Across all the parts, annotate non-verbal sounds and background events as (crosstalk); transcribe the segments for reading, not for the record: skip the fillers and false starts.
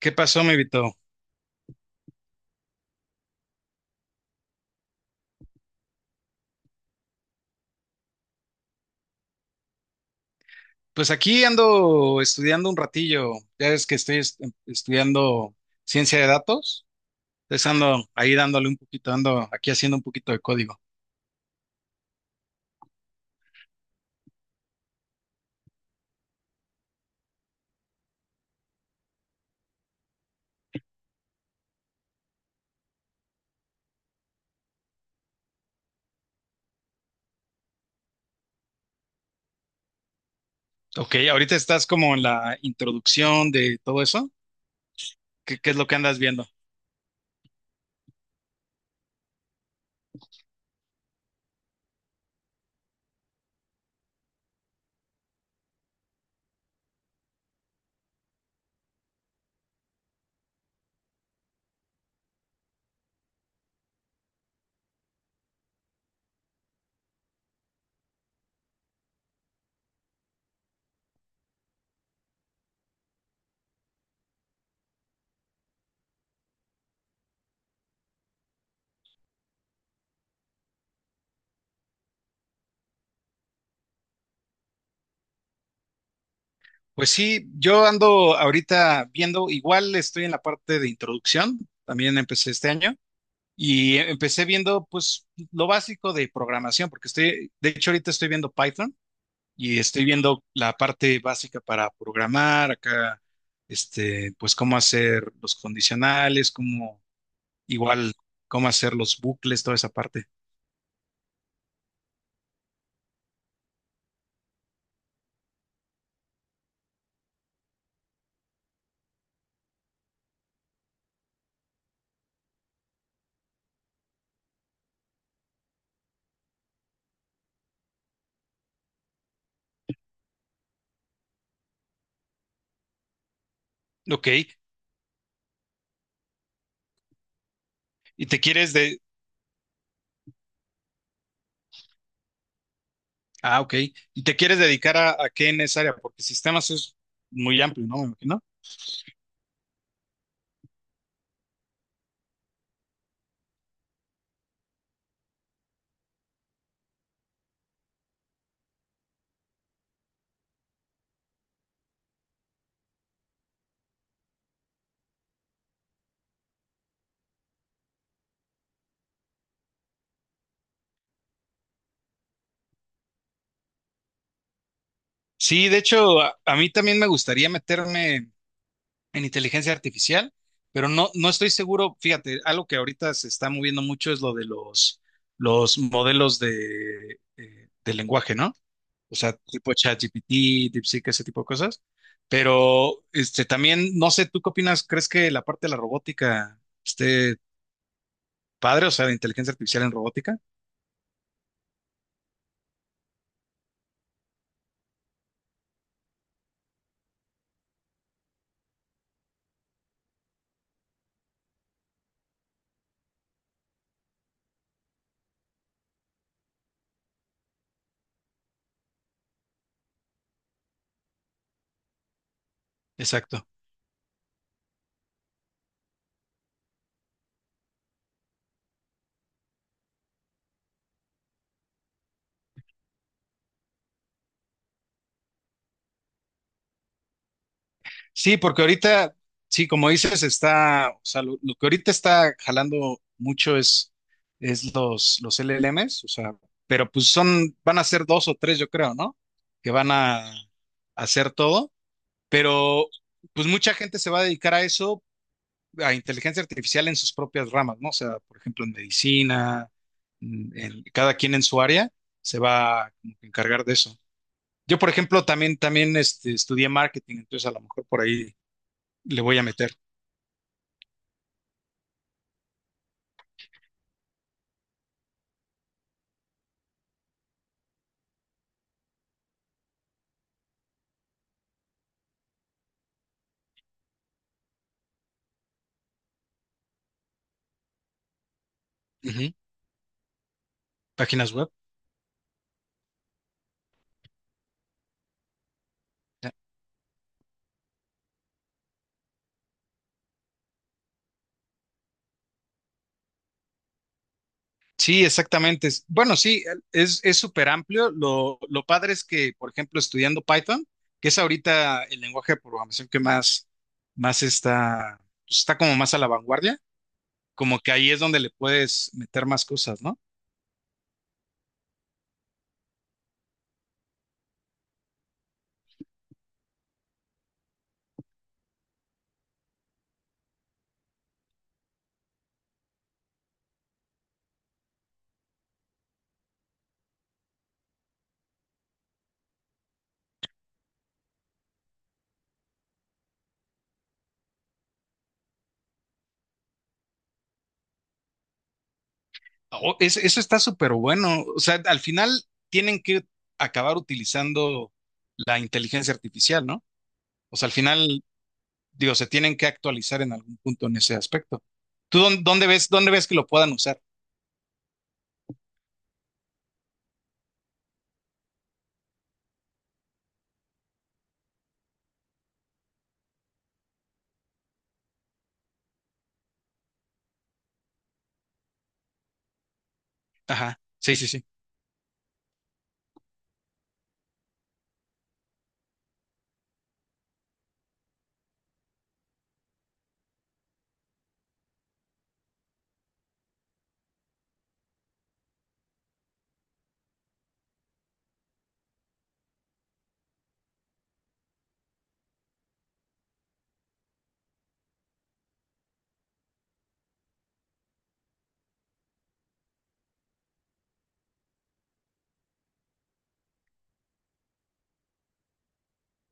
¿Qué pasó, mi Vito? Pues aquí ando estudiando un ratillo. Ya ves que estudiando ciencia de datos. Entonces ando ahí dándole un poquito, ando aquí haciendo un poquito de código. Ok, ahorita estás como en la introducción de todo eso. ¿Qué es lo que andas viendo? Pues sí, yo ando ahorita viendo, igual estoy en la parte de introducción, también empecé este año. Y empecé viendo, pues, lo básico de programación, porque estoy, de hecho, ahorita estoy viendo Python y estoy viendo la parte básica para programar acá, este, pues, cómo hacer los condicionales, cómo, igual, cómo hacer los bucles, toda esa parte. Ok, y te quieres de, ah, ok, y te quieres dedicar a qué en esa área, porque sistemas es muy amplio, ¿no? Me imagino. Sí, de hecho, a mí también me gustaría meterme en inteligencia artificial, pero no, no estoy seguro, fíjate, algo que ahorita se está moviendo mucho es lo de los modelos de lenguaje, ¿no? O sea, tipo ChatGPT, DeepSeek, ese tipo de cosas. Pero este también, no sé, ¿tú qué opinas? ¿Crees que la parte de la robótica esté padre? O sea, de inteligencia artificial en robótica. Exacto. Sí, porque ahorita, sí, como dices, está, o sea, lo que ahorita está jalando mucho es los LLMs, o sea, pero pues son, van a ser dos o tres, yo creo, ¿no? Que van a hacer todo, pero pues mucha gente se va a dedicar a eso, a inteligencia artificial en sus propias ramas, ¿no? O sea, por ejemplo, en medicina, cada quien en su área se va como que encargar de eso. Yo, por ejemplo, también, también este, estudié marketing, entonces a lo mejor por ahí le voy a meter. Ujú. Páginas web. Ya. Sí, exactamente. Bueno, sí, es súper amplio. Lo padre es que, por ejemplo, estudiando Python, que es ahorita el lenguaje de programación que más, más está, pues, está como más a la vanguardia, como que ahí es donde le puedes meter más cosas, ¿no? Eso está súper bueno. O sea, al final tienen que acabar utilizando la inteligencia artificial, ¿no? O sea, al final digo, se tienen que actualizar en algún punto en ese aspecto. ¿Tú dónde ves, dónde ves que lo puedan usar? Ajá, sí, sí, sí,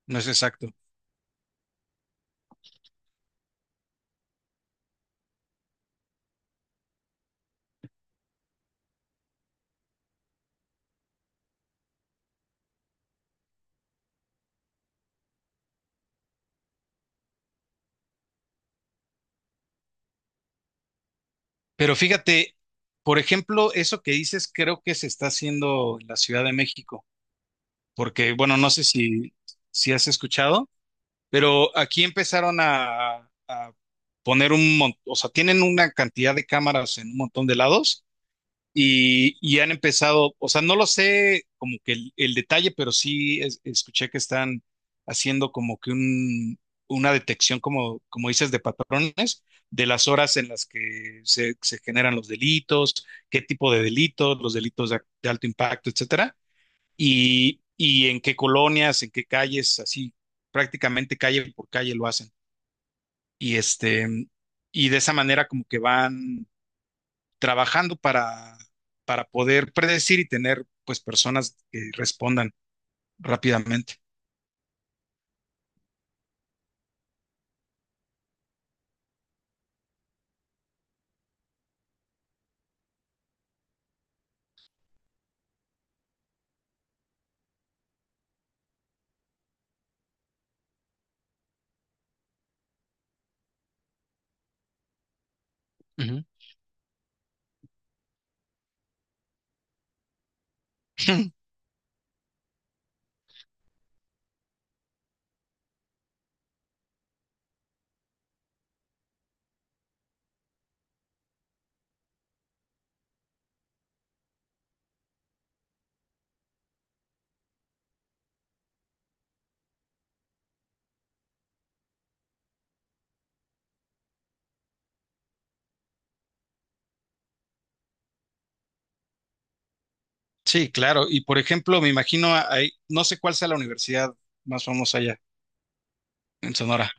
no es exacto. Pero fíjate, por ejemplo, eso que dices creo que se está haciendo en la Ciudad de México, porque, bueno, no sé si, si has escuchado, pero aquí empezaron a poner un montón, o sea, tienen una cantidad de cámaras en un montón de lados y han empezado, o sea, no lo sé como que el detalle, pero sí escuché que están haciendo como que un, una detección, como, como dices, de patrones, de las horas en las que se generan los delitos, qué tipo de delitos, los delitos de alto impacto, etcétera, y en qué colonias, en qué calles, así prácticamente calle por calle lo hacen. Y este, y de esa manera como que van trabajando para poder predecir y tener pues personas que respondan rápidamente. Ujú. (clears throat) (laughs) Sí, claro. Y por ejemplo, me imagino ahí, no sé cuál sea la universidad más famosa allá en Sonora.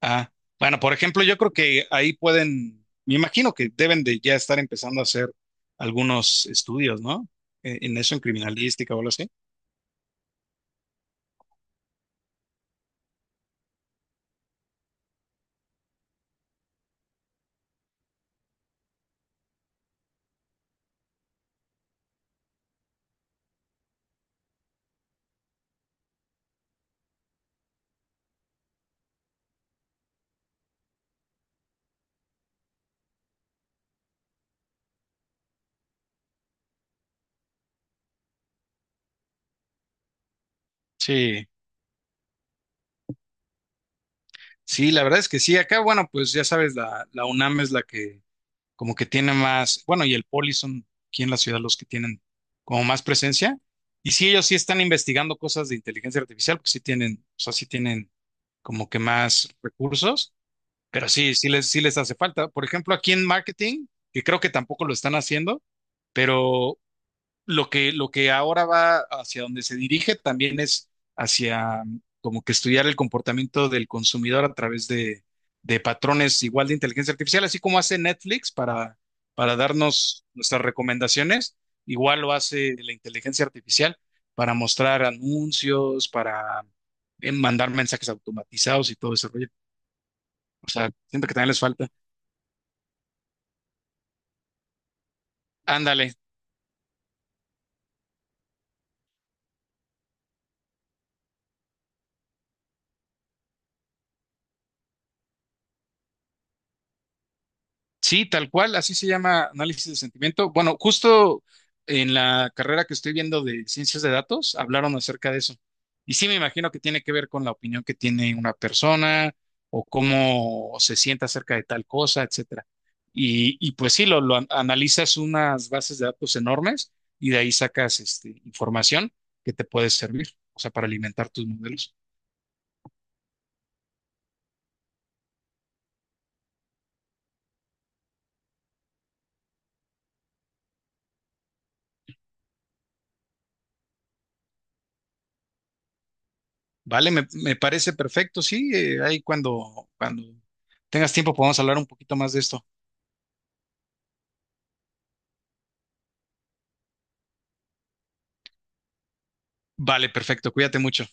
Ah, bueno, por ejemplo, yo creo que ahí pueden, me imagino que deben de ya estar empezando a hacer algunos estudios, ¿no? En eso, en criminalística o algo así. Sí, sí, la verdad es que sí. Acá, bueno, pues ya sabes, la UNAM es la que como que tiene más, bueno, y el Poli son aquí en la ciudad los que tienen como más presencia. Y sí, ellos sí están investigando cosas de inteligencia artificial, porque sí tienen, o sea, sí tienen como que más recursos, pero sí, sí les hace falta. Por ejemplo, aquí en marketing, que creo que tampoco lo están haciendo, pero lo que ahora va hacia donde se dirige también es hacia mm, como que estudiar el comportamiento del consumidor a través de patrones igual de inteligencia artificial, así como hace Netflix para darnos nuestras recomendaciones, igual lo hace la inteligencia artificial para mostrar anuncios, para mandar mensajes automatizados y todo ese rollo. O sea, siento que también les falta. Ándale, sí, tal cual, así se llama análisis de sentimiento. Bueno, justo en la carrera que estoy viendo de ciencias de datos, hablaron acerca de eso. Y sí, me imagino que tiene que ver con la opinión que tiene una persona o cómo se siente acerca de tal cosa, etcétera. Y pues sí, analizas unas bases de datos enormes y de ahí sacas este, información que te puede servir, o sea, para alimentar tus modelos. Vale, me parece perfecto, sí, ahí cuando tengas tiempo podemos hablar un poquito más de esto. Vale, perfecto. Cuídate mucho.